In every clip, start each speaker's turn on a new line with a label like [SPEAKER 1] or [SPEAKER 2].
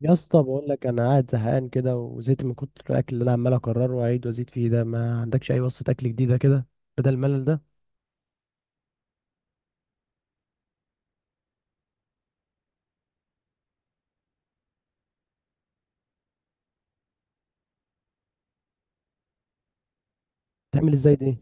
[SPEAKER 1] يا اسطى بقول لك انا قاعد زهقان كده وزهقت من كتر الاكل اللي انا عمال اكرره واعيد وازيد فيه ده. ما عندكش اي وصفه اكل جديده كده بدل الملل ده؟ تعمل ازاي دي؟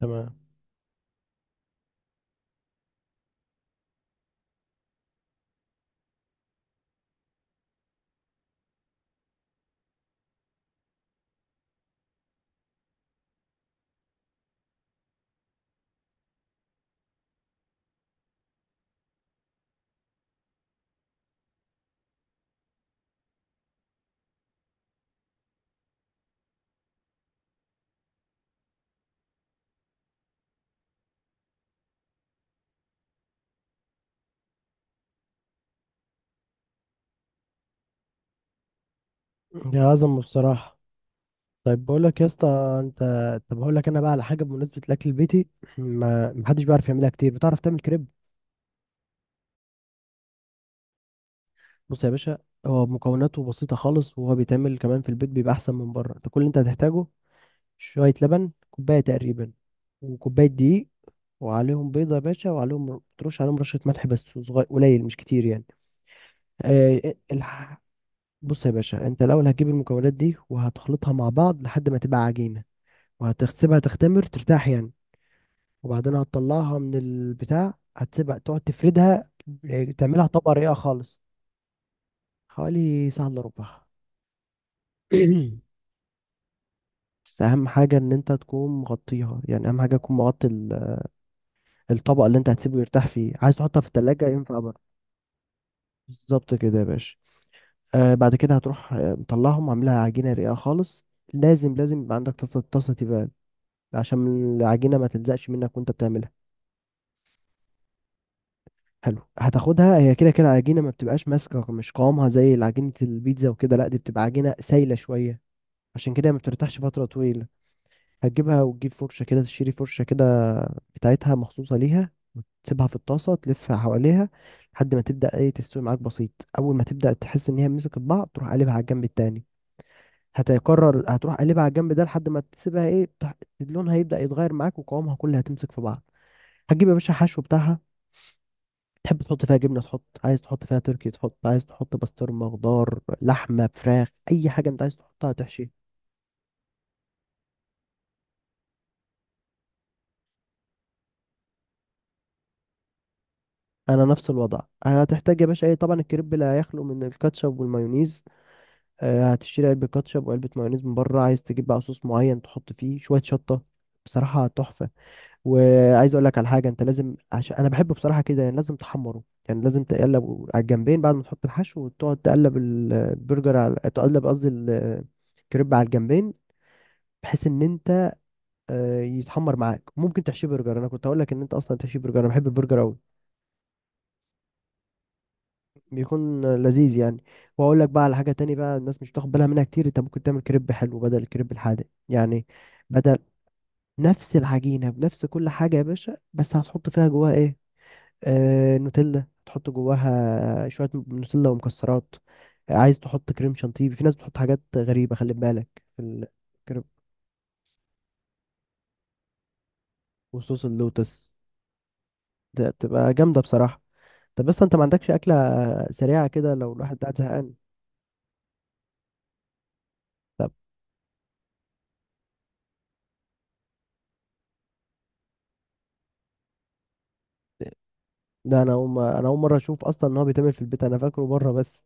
[SPEAKER 1] تمام. يا عظمه بصراحه. طيب بقول لك يا اسطى، انت، طب هقول لك انا بقى على حاجه بمناسبه الاكل البيتي. ما محدش بيعرف يعملها كتير، بتعرف تعمل كريب؟ بص يا باشا، هو مكوناته بسيطه خالص، وهو بيتعمل كمان في البيت بيبقى احسن من بره. انت كل اللي انت هتحتاجه شويه لبن، كوبايه تقريبا، وكوبايه دقيق، وعليهم بيضة يا باشا، وعليهم ترش عليهم رشة ملح بس صغير قليل مش كتير يعني. آه إيه، الح... بص يا باشا، انت الأول هتجيب المكونات دي وهتخلطها مع بعض لحد ما تبقى عجينة، وهتسيبها تختمر، ترتاح يعني. وبعدين هتطلعها من البتاع، هتسيبها تقعد تفردها، تعملها طبقة رقيقة خالص. حوالي ساعة إلا ربع. بس أهم حاجة إن أنت تكون مغطيها، يعني أهم حاجة تكون مغطي الطبق اللي أنت هتسيبه يرتاح فيه. عايز تحطها في التلاجة، ينفع بقى؟ بالظبط كده يا باشا. آه بعد كده هتروح، مطلعهم عاملها عجينة رقيقة خالص. لازم يبقى عندك طاسة تيفال، عشان العجينة ما تلزقش منك وانت بتعملها. حلو، هتاخدها هي كده كده العجينة ما بتبقاش ماسكة، مش قوامها زي عجينة البيتزا وكده، لا دي بتبقى عجينة سايلة شوية، عشان كده ما بترتاحش فترة طويلة. هتجيبها وتجيب فرشة كده، تشتري فرشة كده بتاعتها مخصوصة ليها، وتسيبها في الطاسة تلفها حواليها لحد ما تبدأ ايه، تستوي معاك، بسيط. أول ما تبدأ تحس إن هي مسكت بعض، تروح قلبها على الجنب التاني. هتقرر هتروح قلبها على الجنب ده لحد ما تسيبها ايه، لونها هيبدأ يتغير معاك وقوامها كلها هتمسك في بعض. هتجيب يا باشا حشو بتاعها، تحب تحط فيها جبنة تحط، عايز تحط فيها تركي تحط، عايز تحط بسطرمة، خضار، لحمة، فراخ، أي حاجة أنت عايز تحطها هتحشيها. أنا نفس الوضع. هتحتاج يا باشا إيه، طبعا الكريب لا يخلو من الكاتشب والمايونيز، هتشتري علبة كاتشب وعلبة مايونيز من بره. عايز تجيب بقى صوص معين تحط فيه شوية شطة، بصراحة تحفة. وعايز اقول لك على حاجه، انت لازم، عشان انا بحبه بصراحه كده يعني، لازم تحمره. يعني لازم تقلب على الجنبين بعد ما تحط الحشو، وتقعد تقلب البرجر على، تقلب قصدي الكريب على الجنبين، بحيث ان انت يتحمر معاك. ممكن تحشيه برجر، انا كنت هقول لك ان انت اصلا تحشيه برجر، انا بحب البرجر قوي، بيكون لذيذ يعني. واقول لك بقى على حاجه تاني بقى، الناس مش بتاخد بالها منها كتير. انت ممكن تعمل كريب حلو بدل الكريب الحادق يعني. بدل، نفس العجينه بنفس كل حاجه يا باشا، بس هتحط فيها جواها ايه، نوتيلا، تحط جواها شوية نوتيلا ومكسرات، عايز تحط كريم شانتيه. في ناس بتحط حاجات غريبة، خلي بالك، في الكريم وصوص اللوتس، ده بتبقى جامدة بصراحة. طب بس انت ما عندكش أكلة سريعة كده لو الواحد قاعد زهقان؟ طب ده انا اول ما- انا اول مرة اشوف اصلا ان هو بيتعمل في البيت، انا فاكره بره بس.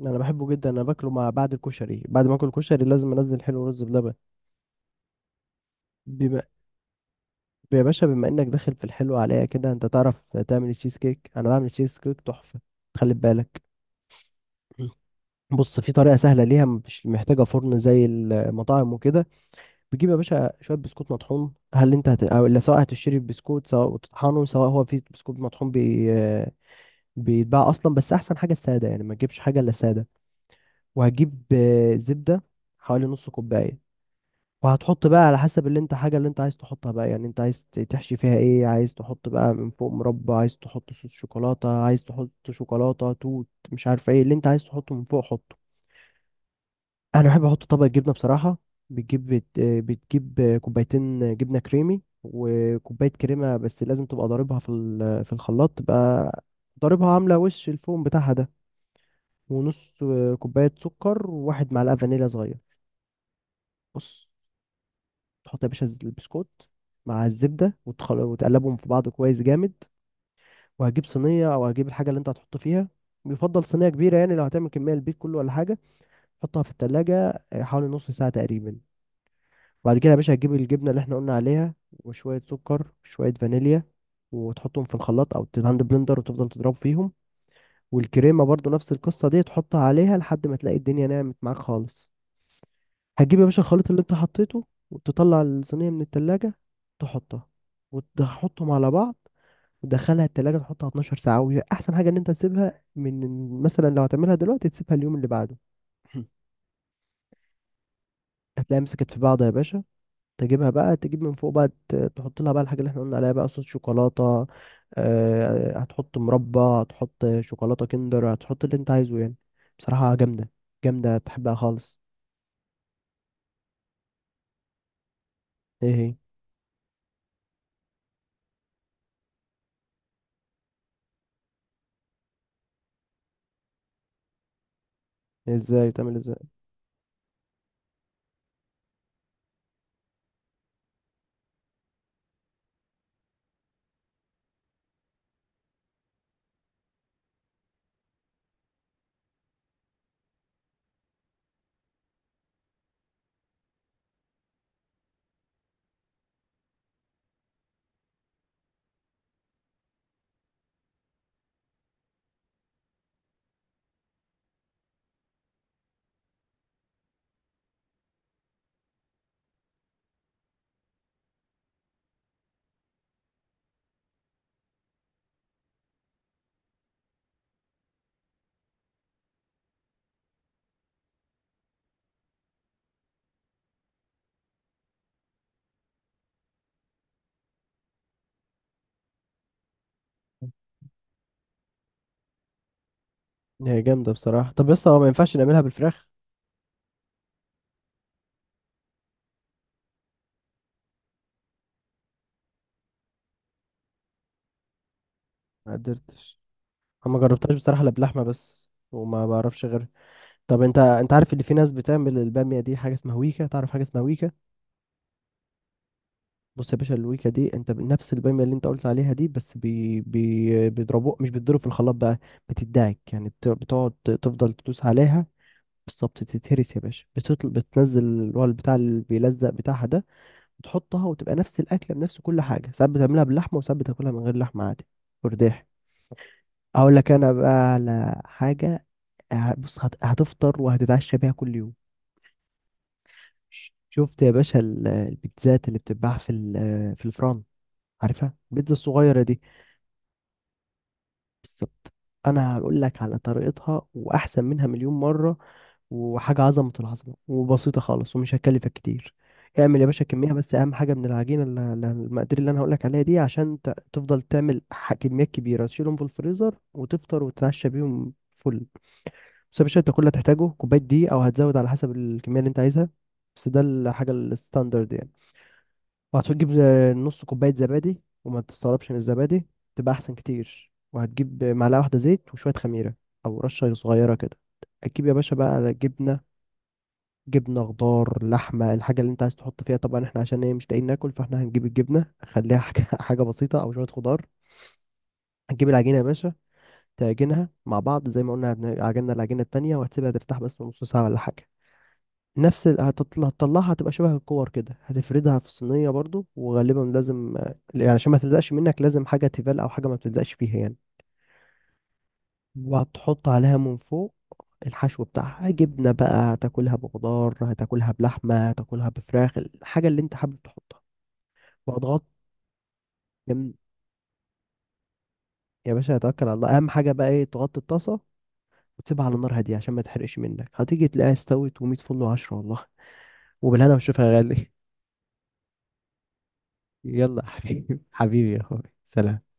[SPEAKER 1] انا بحبه جدا، انا باكله مع بعد الكشري، بعد ما اكل كشري لازم انزل حلو رز بلبن. بما يا باشا، بما انك داخل في الحلو عليا كده، انت تعرف تعمل تشيز كيك؟ انا بعمل تشيز كيك تحفه، خلي بالك. بص، في طريقه سهله ليها، مش محتاجه فرن زي المطاعم وكده. بتجيب يا باشا شويه بسكوت مطحون، هل انت هت... أو لا سواء هتشتري بسكوت سواء وتطحنه، سواء هو في بسكوت مطحون بيتباع اصلا، بس احسن حاجه الساده يعني، ما تجيبش حاجه الا ساده. وهتجيب زبده، حوالي نص كوبايه. وهتحط بقى على حسب اللي انت، حاجة اللي انت عايز تحطها بقى، يعني انت عايز تحشي فيها ايه، عايز تحط بقى من فوق مربى، عايز تحط صوص شوكولاتة، عايز تحط شوكولاتة توت، مش عارف ايه اللي انت عايز تحطه من فوق حطه. انا بحب احط طبق جبنة بصراحة. بتجيب كوبايتين جبنة كريمي وكوباية كريمة، بس لازم تبقى ضاربها في في الخلاط، تبقى ضاربها عاملة وش الفوم بتاعها ده. ونص كوباية سكر، وواحد معلقة فانيليا صغير. بص، تحط يا باشا البسكوت مع الزبدة، وتقلبهم في بعض كويس جامد. وهجيب صينية أو هجيب الحاجة اللي أنت هتحط فيها، يفضل صينية كبيرة يعني لو هتعمل كمية البيت كله ولا حاجة. حطها في التلاجة حوالي نص ساعة تقريبا. بعد كده يا باشا هتجيب الجبنة اللي احنا قلنا عليها، وشوية سكر وشوية فانيليا، وتحطهم في الخلاط أو الهاند بلندر، وتفضل تضرب فيهم. والكريمة برضو نفس القصة دي، تحطها عليها لحد ما تلاقي الدنيا نعمت معاك خالص. هتجيب يا باشا الخليط اللي انت حطيته، وتطلع الصينية من التلاجة، تحطها، وتحطهم على بعض، وتدخلها التلاجة، تحطها 12 ساعة. وهي أحسن حاجة إن أنت تسيبها من مثلا، لو هتعملها دلوقتي تسيبها اليوم اللي بعده. هتلاقيها مسكت في بعض يا باشا، تجيبها بقى، تجيب من فوق بقى تحط لها بقى الحاجة اللي احنا قلنا عليها بقى، صوص شوكولاتة، هتحط مربى، هتحط شوكولاتة كندر، هتحط اللي انت عايزه يعني. بصراحة جامدة، جامدة تحبها خالص. ايه هي؟ ازاي تعمل ازاي؟ هي جامدة بصراحة، طب بس هو ما ينفعش نعملها بالفراخ؟ ما قدرتش. انا ما جربتهاش بصراحة الا بلحمة بس، وما بعرفش غير. طب انت، انت عارف اللي في ناس بتعمل البامية دي حاجة اسمها ويكا؟ تعرف حاجة اسمها ويكا؟ بص يا باشا، الويكا دي انت، نفس البامية اللي انت قلت عليها دي، بس بي بيضربوه، مش بيتضرب في الخلاط بقى، بتدعك يعني، بتقعد تفضل تدوس عليها. بالظبط، تتهرس يا باشا، بتنزل اللي هو البتاع اللي بيلزق بتاعها ده. وتحطها وتبقى نفس الاكله بنفس كل حاجه، ساعات بتعملها باللحمه وساعات بتاكلها من غير لحمه عادي. فرداح. اقول لك انا بقى على حاجه، بص هتفطر وهتتعشى بيها كل يوم. شفت يا باشا البيتزات اللي بتتباع في في الفرن؟ عارفها البيتزا الصغيره دي؟ بالظبط. انا هقول لك على طريقتها واحسن منها مليون مره، وحاجه عظمه العظمه وبسيطه خالص ومش هتكلفك كتير. اعمل يا باشا كميه، بس اهم حاجه من العجينه المقادير اللي انا هقول لك عليها دي، عشان تفضل تعمل كميات كبيره تشيلهم في الفريزر وتفطر وتتعشى بيهم فل. بس يا باشا انت كل اللي هتحتاجه كوباية دي، او هتزود على حسب الكمية اللي انت عايزها، بس ده الحاجة الستاندرد يعني. وهتجيب نص كوباية زبادي، وما تستغربش من الزبادي، تبقى احسن كتير. وهتجيب معلقة واحدة زيت، وشوية خميرة او رشة صغيرة كده. هتجيب يا باشا بقى جبنة، جبنة، خضار، لحمة، الحاجة اللي انت عايز تحط فيها. طبعا احنا عشان ايه مش لاقيين ناكل، فاحنا هنجيب الجبنة، خليها حاجة حاجة بسيطة او شوية خضار. هتجيب العجينة يا باشا، تعجنها مع بعض زي ما قلنا عجنا العجينة التانية، وهتسيبها ترتاح بس نص ساعة ولا حاجة. نفس هتطلعها، هتبقى شبه الكور كده، هتفردها في صينية برضو. وغالبا لازم يعني عشان ما تلزقش منك، لازم حاجة تيفال أو حاجة ما بتلزقش فيها يعني. وهتحط عليها من فوق الحشو بتاعها، جبنة بقى، هتاكلها بخضار، هتاكلها بلحمة، هتاكلها بفراخ، الحاجة اللي انت حابب تحطها. وهتغطي، جم- يا باشا هتوكل على الله. أهم حاجة بقى ايه، تغطي الطاسة وتسيبها على نار هادية عشان ما تحرقش منك. هتيجي تلاقيها استوت، ومية فل وعشرة والله. وبالهنا والشفا يا غالي. يلا يا حبيبي، حبيبي يا اخوي، سلام.